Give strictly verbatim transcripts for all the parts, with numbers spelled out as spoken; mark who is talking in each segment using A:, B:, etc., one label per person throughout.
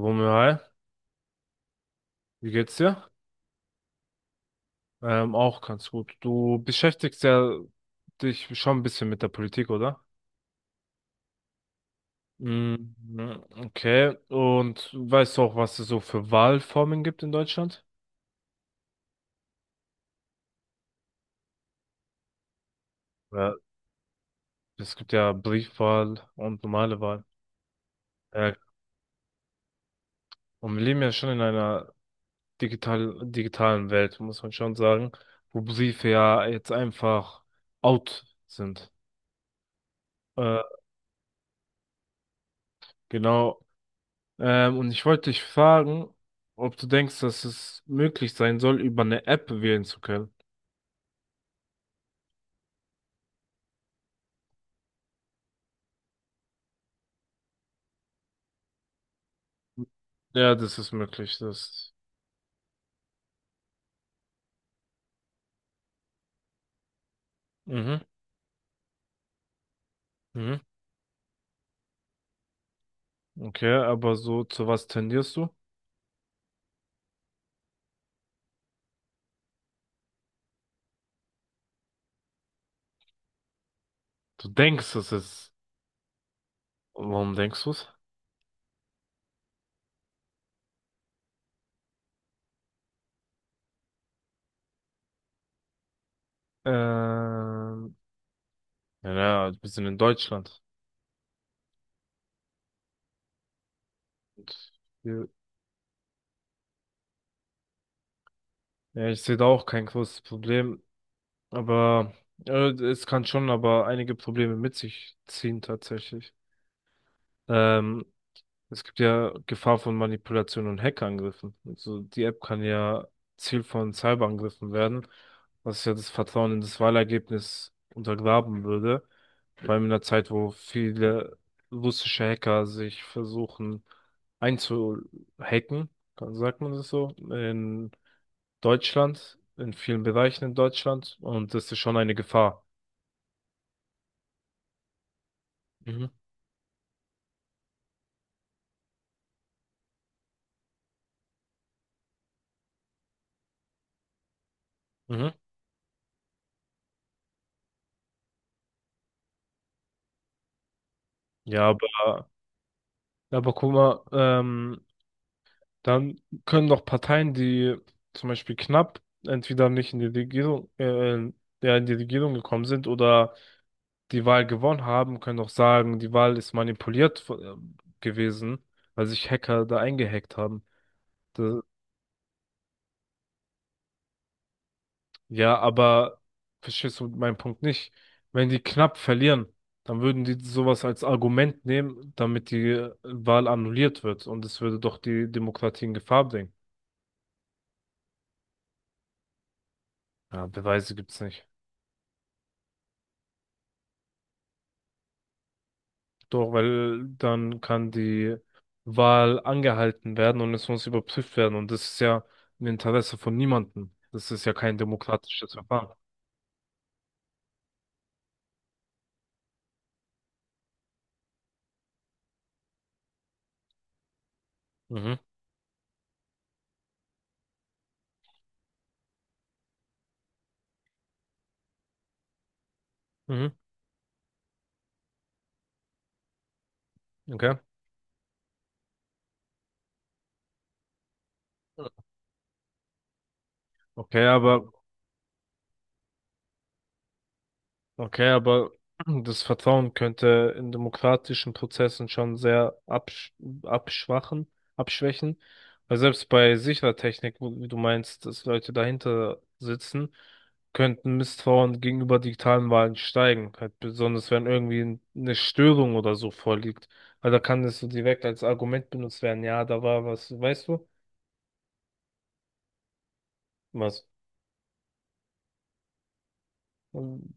A: Romeo, hi, wie geht's dir? Ähm, auch ganz gut. Du beschäftigst ja dich schon ein bisschen mit der Politik, oder? Mhm. Okay, und weißt du auch, was es so für Wahlformen gibt in Deutschland? Ja. Es gibt ja Briefwahl und normale Wahl. Ja. Und wir leben ja schon in einer digital, digitalen Welt, muss man schon sagen, wo Briefe ja jetzt einfach out sind. Äh, genau. Ähm, und ich wollte dich fragen, ob du denkst, dass es möglich sein soll, über eine App wählen zu können. Ja, das ist möglich. Das. Mhm, mhm, okay, aber so zu was tendierst du? Du denkst, es ist. Warum denkst du es? Ähm, ja, ja, wir sind in Deutschland. Und hier, ja, ich sehe da auch kein großes Problem, aber äh, es kann schon aber einige Probleme mit sich ziehen tatsächlich. Ähm, Es gibt ja Gefahr von Manipulation und Hackerangriffen. Also die App kann ja Ziel von Cyberangriffen werden, was ja das Vertrauen in das Wahlergebnis untergraben würde. Vor allem in einer Zeit, wo viele russische Hacker sich versuchen einzuhacken, kann- sagt man das so, in Deutschland, in vielen Bereichen in Deutschland. Und das ist schon eine Gefahr. Mhm. Mhm. Ja, aber, aber guck mal, ähm, dann können doch Parteien, die zum Beispiel knapp entweder nicht in die Regierung, äh, ja, in die Regierung gekommen sind oder die Wahl gewonnen haben, können doch sagen, die Wahl ist manipuliert äh, gewesen, weil sich Hacker da eingehackt haben. Da- ja, aber verstehst du meinen Punkt nicht? Wenn die knapp verlieren, dann würden die sowas als Argument nehmen, damit die Wahl annulliert wird und es würde doch die Demokratie in Gefahr bringen. Ja, Beweise gibt's nicht. Doch, weil dann kann die Wahl angehalten werden und es muss überprüft werden. Und das ist ja im Interesse von niemandem. Das ist ja kein demokratisches Verfahren. Mhm, mhm, okay. Okay, aber okay, aber das Vertrauen könnte in demokratischen Prozessen schon sehr absch abschwachen, abschwächen. Weil selbst bei sicherer Technik, wo- wie du meinst, dass Leute dahinter sitzen, könnten Misstrauen gegenüber digitalen Wahlen steigen. Halt besonders wenn irgendwie eine Störung oder so vorliegt. Weil da kann das so direkt als Argument benutzt werden. Ja, da war was, weißt du? Was? Ähm,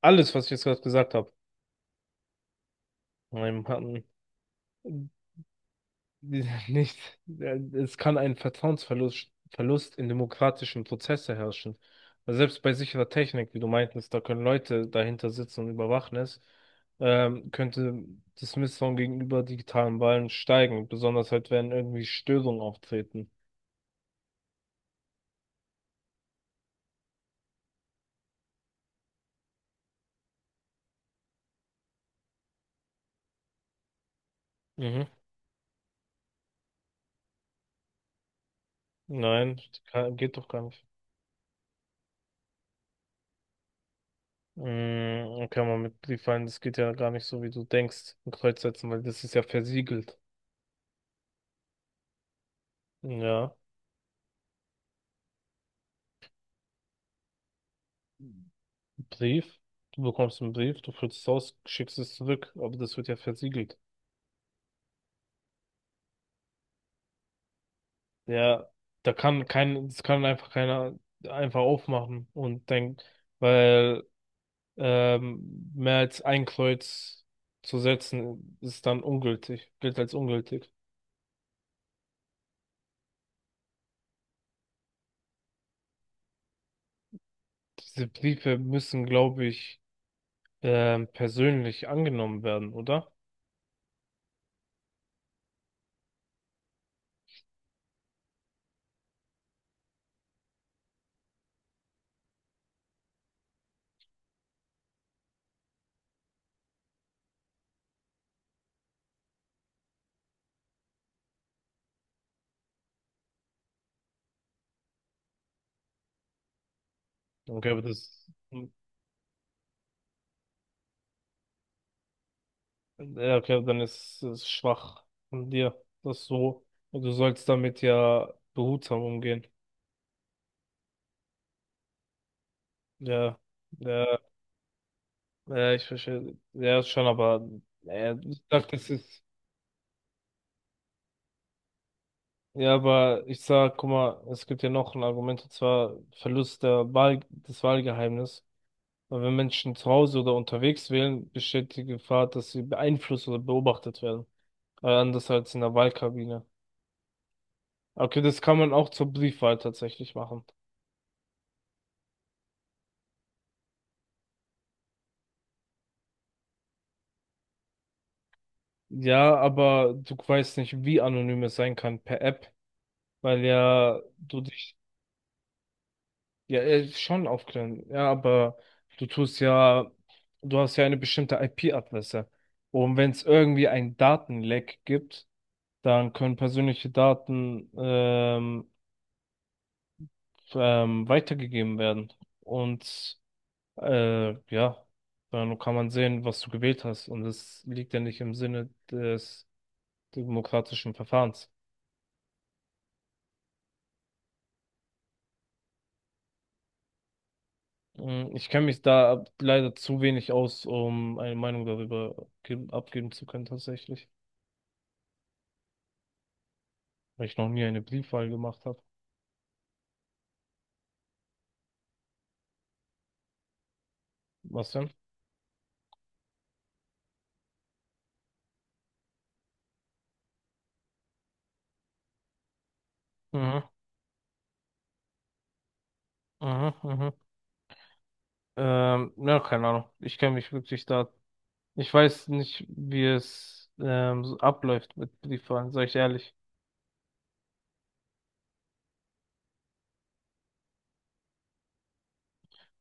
A: Alles, was ich jetzt gerade gesagt habe. Ähm, hatten- Ja, nicht, äh, es kann ein Vertrauensverlust Verlust in demokratischen Prozesse herrschen. Weil selbst bei sicherer Technik, wie du meintest, da können Leute dahinter sitzen und überwachen es, ähm, könnte das Misstrauen gegenüber digitalen Wahlen steigen, besonders halt, wenn irgendwie Störungen auftreten. Mhm. Nein, kann, geht doch gar nicht. Mm, kann man mit Briefwahlen, das geht ja gar nicht so, wie du denkst, ein Kreuz setzen, weil das ist ja versiegelt. Ja. Brief, du bekommst einen Brief, du füllst es aus, schickst es zurück, aber das wird ja versiegelt. Ja, da kann kein, das kann einfach keiner einfach aufmachen und denkt, weil ähm, mehr als ein Kreuz zu setzen ist dann ungültig, gilt als ungültig. Diese Briefe müssen, glaube ich, ähm, persönlich angenommen werden, oder? Okay, aber das, ja, okay, dann ist es schwach von dir, das so. Und du sollst damit ja behutsam umgehen. Ja, ja, ja, ich verstehe. Ja, schon, aber äh, ich sag, das ist. Ja, aber ich sag, guck mal, es gibt ja noch ein Argument, und zwar Verlust der Wahl, des Wahlgeheimnisses. Weil wenn Menschen zu Hause oder unterwegs wählen, besteht die Gefahr, dass sie beeinflusst oder beobachtet werden. Äh, anders als in der Wahlkabine. Okay, das kann man auch zur Briefwahl tatsächlich machen. Ja, aber du weißt nicht, wie anonym es sein kann per App, weil ja du dich ja äh, schon aufklären. Ja, aber du tust ja, du hast ja eine bestimmte I P-Adresse. Und wenn es irgendwie ein Datenleck gibt, dann können persönliche Daten ähm, ähm, weitergegeben werden. Und äh, ja, dann kann man sehen, was du gewählt hast. Und das liegt ja nicht im Sinne des demokratischen Verfahrens. Mm, ich kenne mich da leider zu wenig aus, um eine Meinung darüber ge- abgeben zu können, tatsächlich. Weil ich noch nie eine Briefwahl gemacht habe. Was denn? Mhm, mhm, mhm. Ähm, ja, keine Ahnung. Ich kenne mich wirklich da. Ich weiß nicht, wie es ähm, so abläuft mit Briefwahlen, sag ich ehrlich.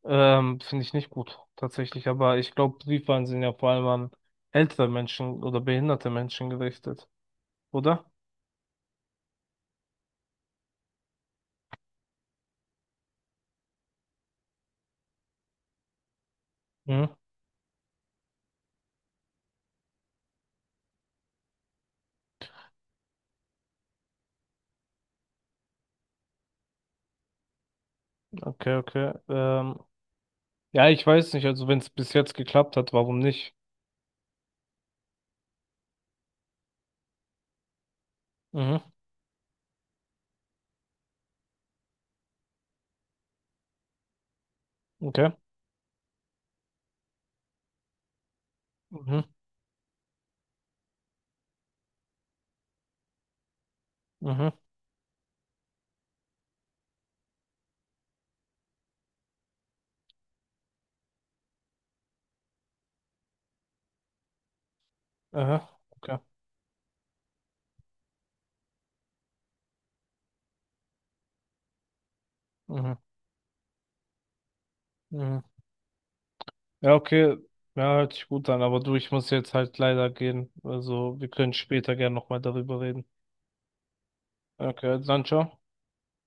A: Ähm, finde ich nicht gut, tatsächlich. Aber ich glaube, Briefwahlen sind ja vor allem an ältere Menschen oder behinderte Menschen gerichtet, oder? Mhm. Okay, okay. Ähm, Ja, ich weiß nicht, also wenn es bis jetzt geklappt hat, warum nicht? Mhm, okay. Mhm, mhm, aha, okay. Mhm, mhm. Ja, okay. Ja, hört sich gut an, aber du, ich muss jetzt halt leider gehen. Also, wir können später gern nochmal darüber reden. Okay, dann ciao.